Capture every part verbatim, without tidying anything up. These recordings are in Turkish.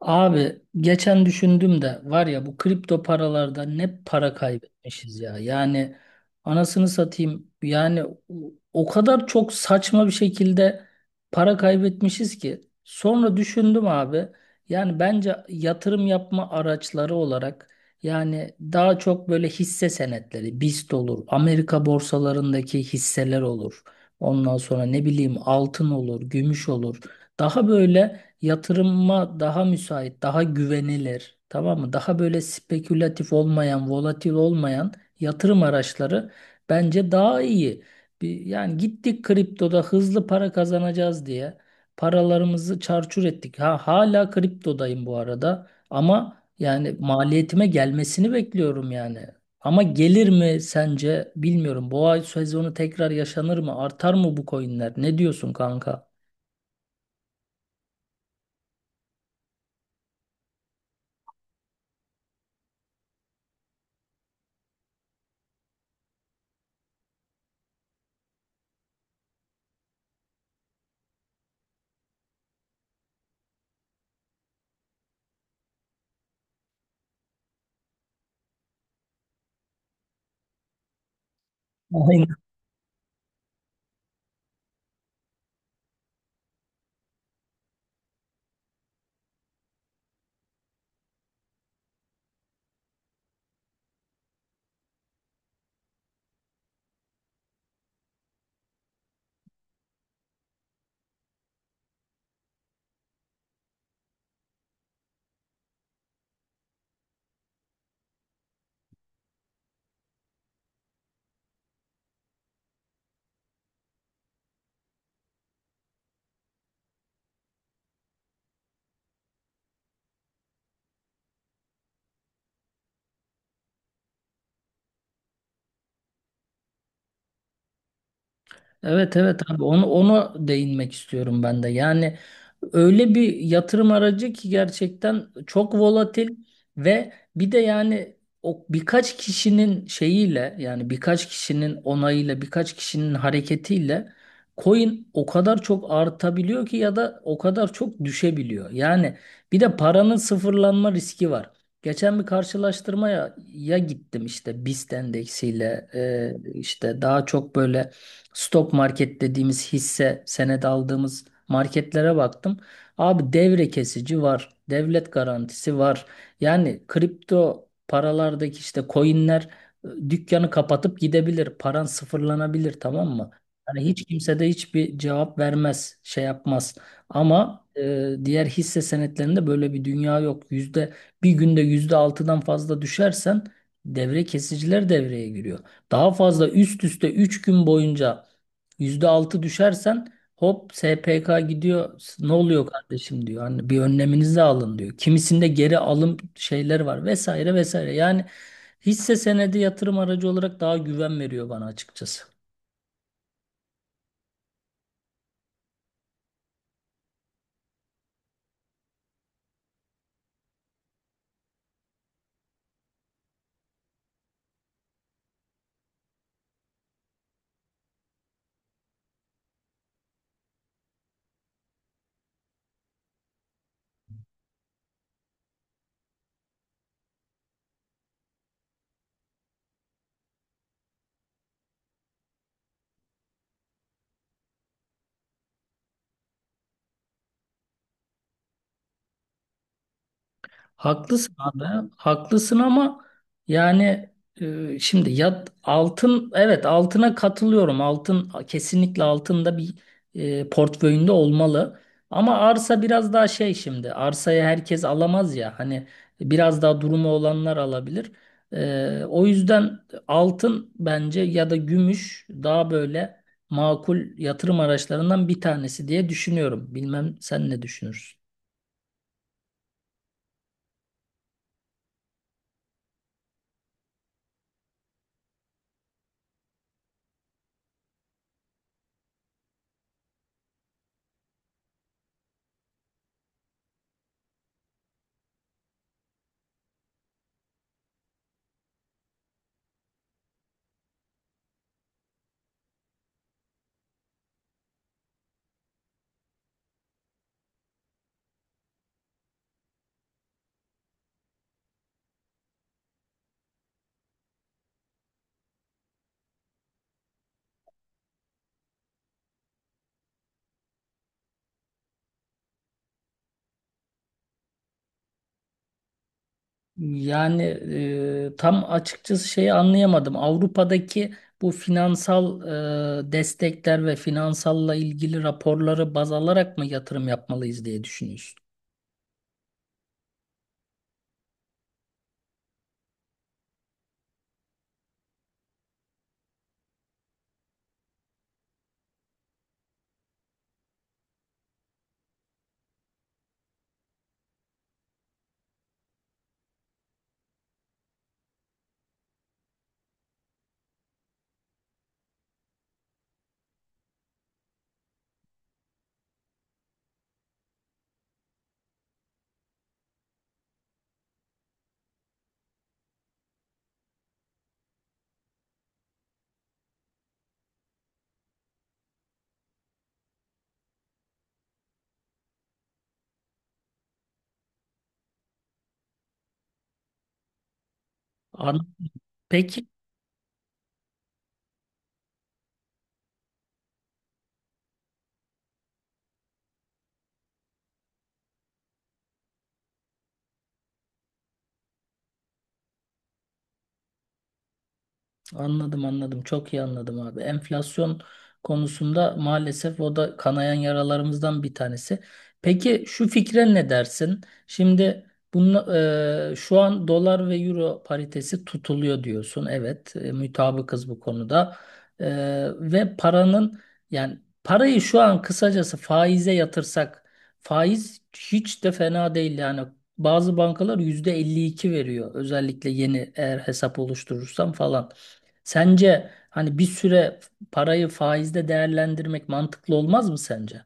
Abi geçen düşündüm de var ya, bu kripto paralarda ne para kaybetmişiz ya. Yani anasını satayım yani o o kadar çok saçma bir şekilde para kaybetmişiz ki. Sonra düşündüm abi, yani bence yatırım yapma araçları olarak, yani daha çok böyle hisse senetleri B I S T olur, Amerika borsalarındaki hisseler olur. Ondan sonra ne bileyim, altın olur, gümüş olur. Daha böyle yatırıma daha müsait, daha güvenilir, tamam mı? Daha böyle spekülatif olmayan, volatil olmayan yatırım araçları bence daha iyi. Bir, yani gittik kriptoda hızlı para kazanacağız diye paralarımızı çarçur ettik. Ha, hala kriptodayım bu arada, ama yani maliyetime gelmesini bekliyorum yani. Ama gelir mi sence bilmiyorum. Boğa sezonu tekrar yaşanır mı? Artar mı bu coinler? Ne diyorsun kanka? Evet, evet abi, onu onu değinmek istiyorum ben de. Yani öyle bir yatırım aracı ki gerçekten çok volatil, ve bir de yani o birkaç kişinin şeyiyle, yani birkaç kişinin onayıyla, birkaç kişinin hareketiyle coin o kadar çok artabiliyor ki, ya da o kadar çok düşebiliyor. Yani bir de paranın sıfırlanma riski var. Geçen bir karşılaştırmaya ya gittim, işte B I S T endeksiyle e, işte, daha çok böyle stok market dediğimiz hisse senedi aldığımız marketlere baktım. Abi devre kesici var. Devlet garantisi var. Yani kripto paralardaki işte coinler e, dükkanı kapatıp gidebilir. Paran sıfırlanabilir, tamam mı? Yani hiç kimse de hiçbir cevap vermez, şey yapmaz. Ama e, diğer hisse senetlerinde böyle bir dünya yok. Yüzde bir günde yüzde altıdan fazla düşersen devre kesiciler devreye giriyor. Daha fazla, üst üste üç gün boyunca yüzde altı düşersen, hop S P K gidiyor. Ne oluyor kardeşim diyor. Hani bir önleminizi alın diyor. Kimisinde geri alım şeyler var, vesaire vesaire. Yani hisse senedi yatırım aracı olarak daha güven veriyor bana açıkçası. Haklısın abi, haklısın ama yani e, şimdi ya altın, evet altına katılıyorum. Altın kesinlikle altında bir e, portföyünde olmalı. Ama arsa biraz daha şey şimdi. Arsayı herkes alamaz ya. Hani biraz daha durumu olanlar alabilir. E, o yüzden altın, bence ya da gümüş, daha böyle makul yatırım araçlarından bir tanesi diye düşünüyorum. Bilmem sen ne düşünürsün? Yani e, tam açıkçası şeyi anlayamadım. Avrupa'daki bu finansal e, destekler ve finansalla ilgili raporları baz alarak mı yatırım yapmalıyız diye düşünüyorsun? An- Peki. Anladım, anladım. Çok iyi anladım abi. Enflasyon konusunda maalesef o da kanayan yaralarımızdan bir tanesi. Peki şu fikre ne dersin? Şimdi bunu, e, şu an dolar ve euro paritesi tutuluyor diyorsun. Evet, e, mütabıkız bu konuda. E, Ve paranın, yani parayı şu an kısacası faize yatırsak, faiz hiç de fena değil yani. Bazı bankalar yüzde elli iki veriyor. Özellikle yeni eğer hesap oluşturursam falan. Sence hani bir süre parayı faizde değerlendirmek mantıklı olmaz mı sence?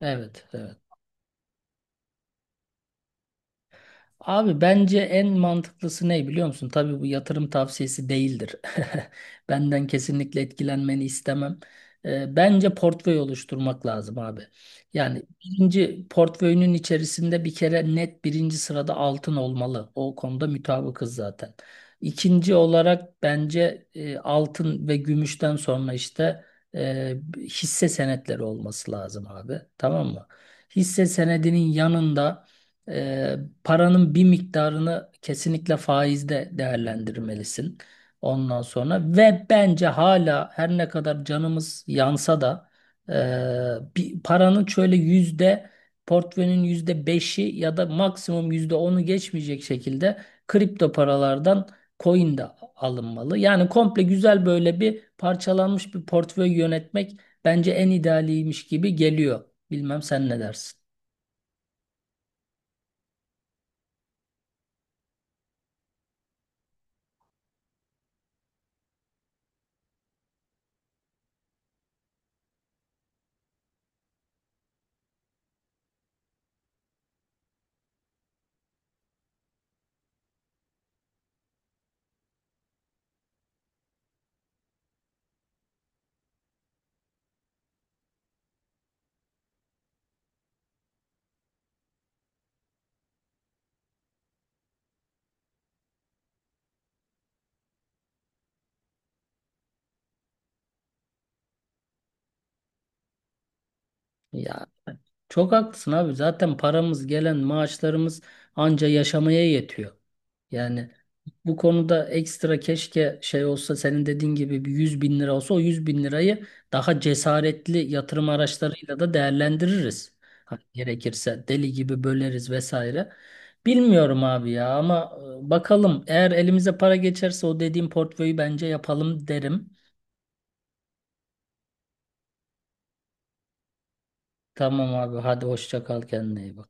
Evet, evet. Abi bence en mantıklısı ne biliyor musun? Tabii bu yatırım tavsiyesi değildir. Benden kesinlikle etkilenmeni istemem. Ee, bence portföy oluşturmak lazım abi. Yani birinci portföyünün içerisinde bir kere net birinci sırada altın olmalı. O konuda mutabıkız zaten. İkinci olarak bence e, altın ve gümüşten sonra işte e, hisse senetleri olması lazım abi. Tamam mı? Hisse senedinin yanında... e, paranın bir miktarını kesinlikle faizde değerlendirmelisin. Ondan sonra, ve bence hala her ne kadar canımız yansa da e, bir paranın şöyle yüzde portföyünün yüzde beşi ya da maksimum yüzde onu geçmeyecek şekilde kripto paralardan coin de alınmalı. Yani komple, güzel böyle bir parçalanmış bir portföy yönetmek bence en idealiymiş gibi geliyor. Bilmem sen ne dersin? Ya çok haklısın abi. Zaten paramız, gelen maaşlarımız anca yaşamaya yetiyor. Yani bu konuda ekstra keşke şey olsa, senin dediğin gibi bir yüz bin lira olsa, o yüz bin lirayı daha cesaretli yatırım araçlarıyla da değerlendiririz. Hani gerekirse deli gibi böleriz vesaire. Bilmiyorum abi ya, ama e, bakalım, eğer elimize para geçerse o dediğim portföyü bence yapalım derim. Tamam abi, hadi hoşça kal, kendine iyi bak.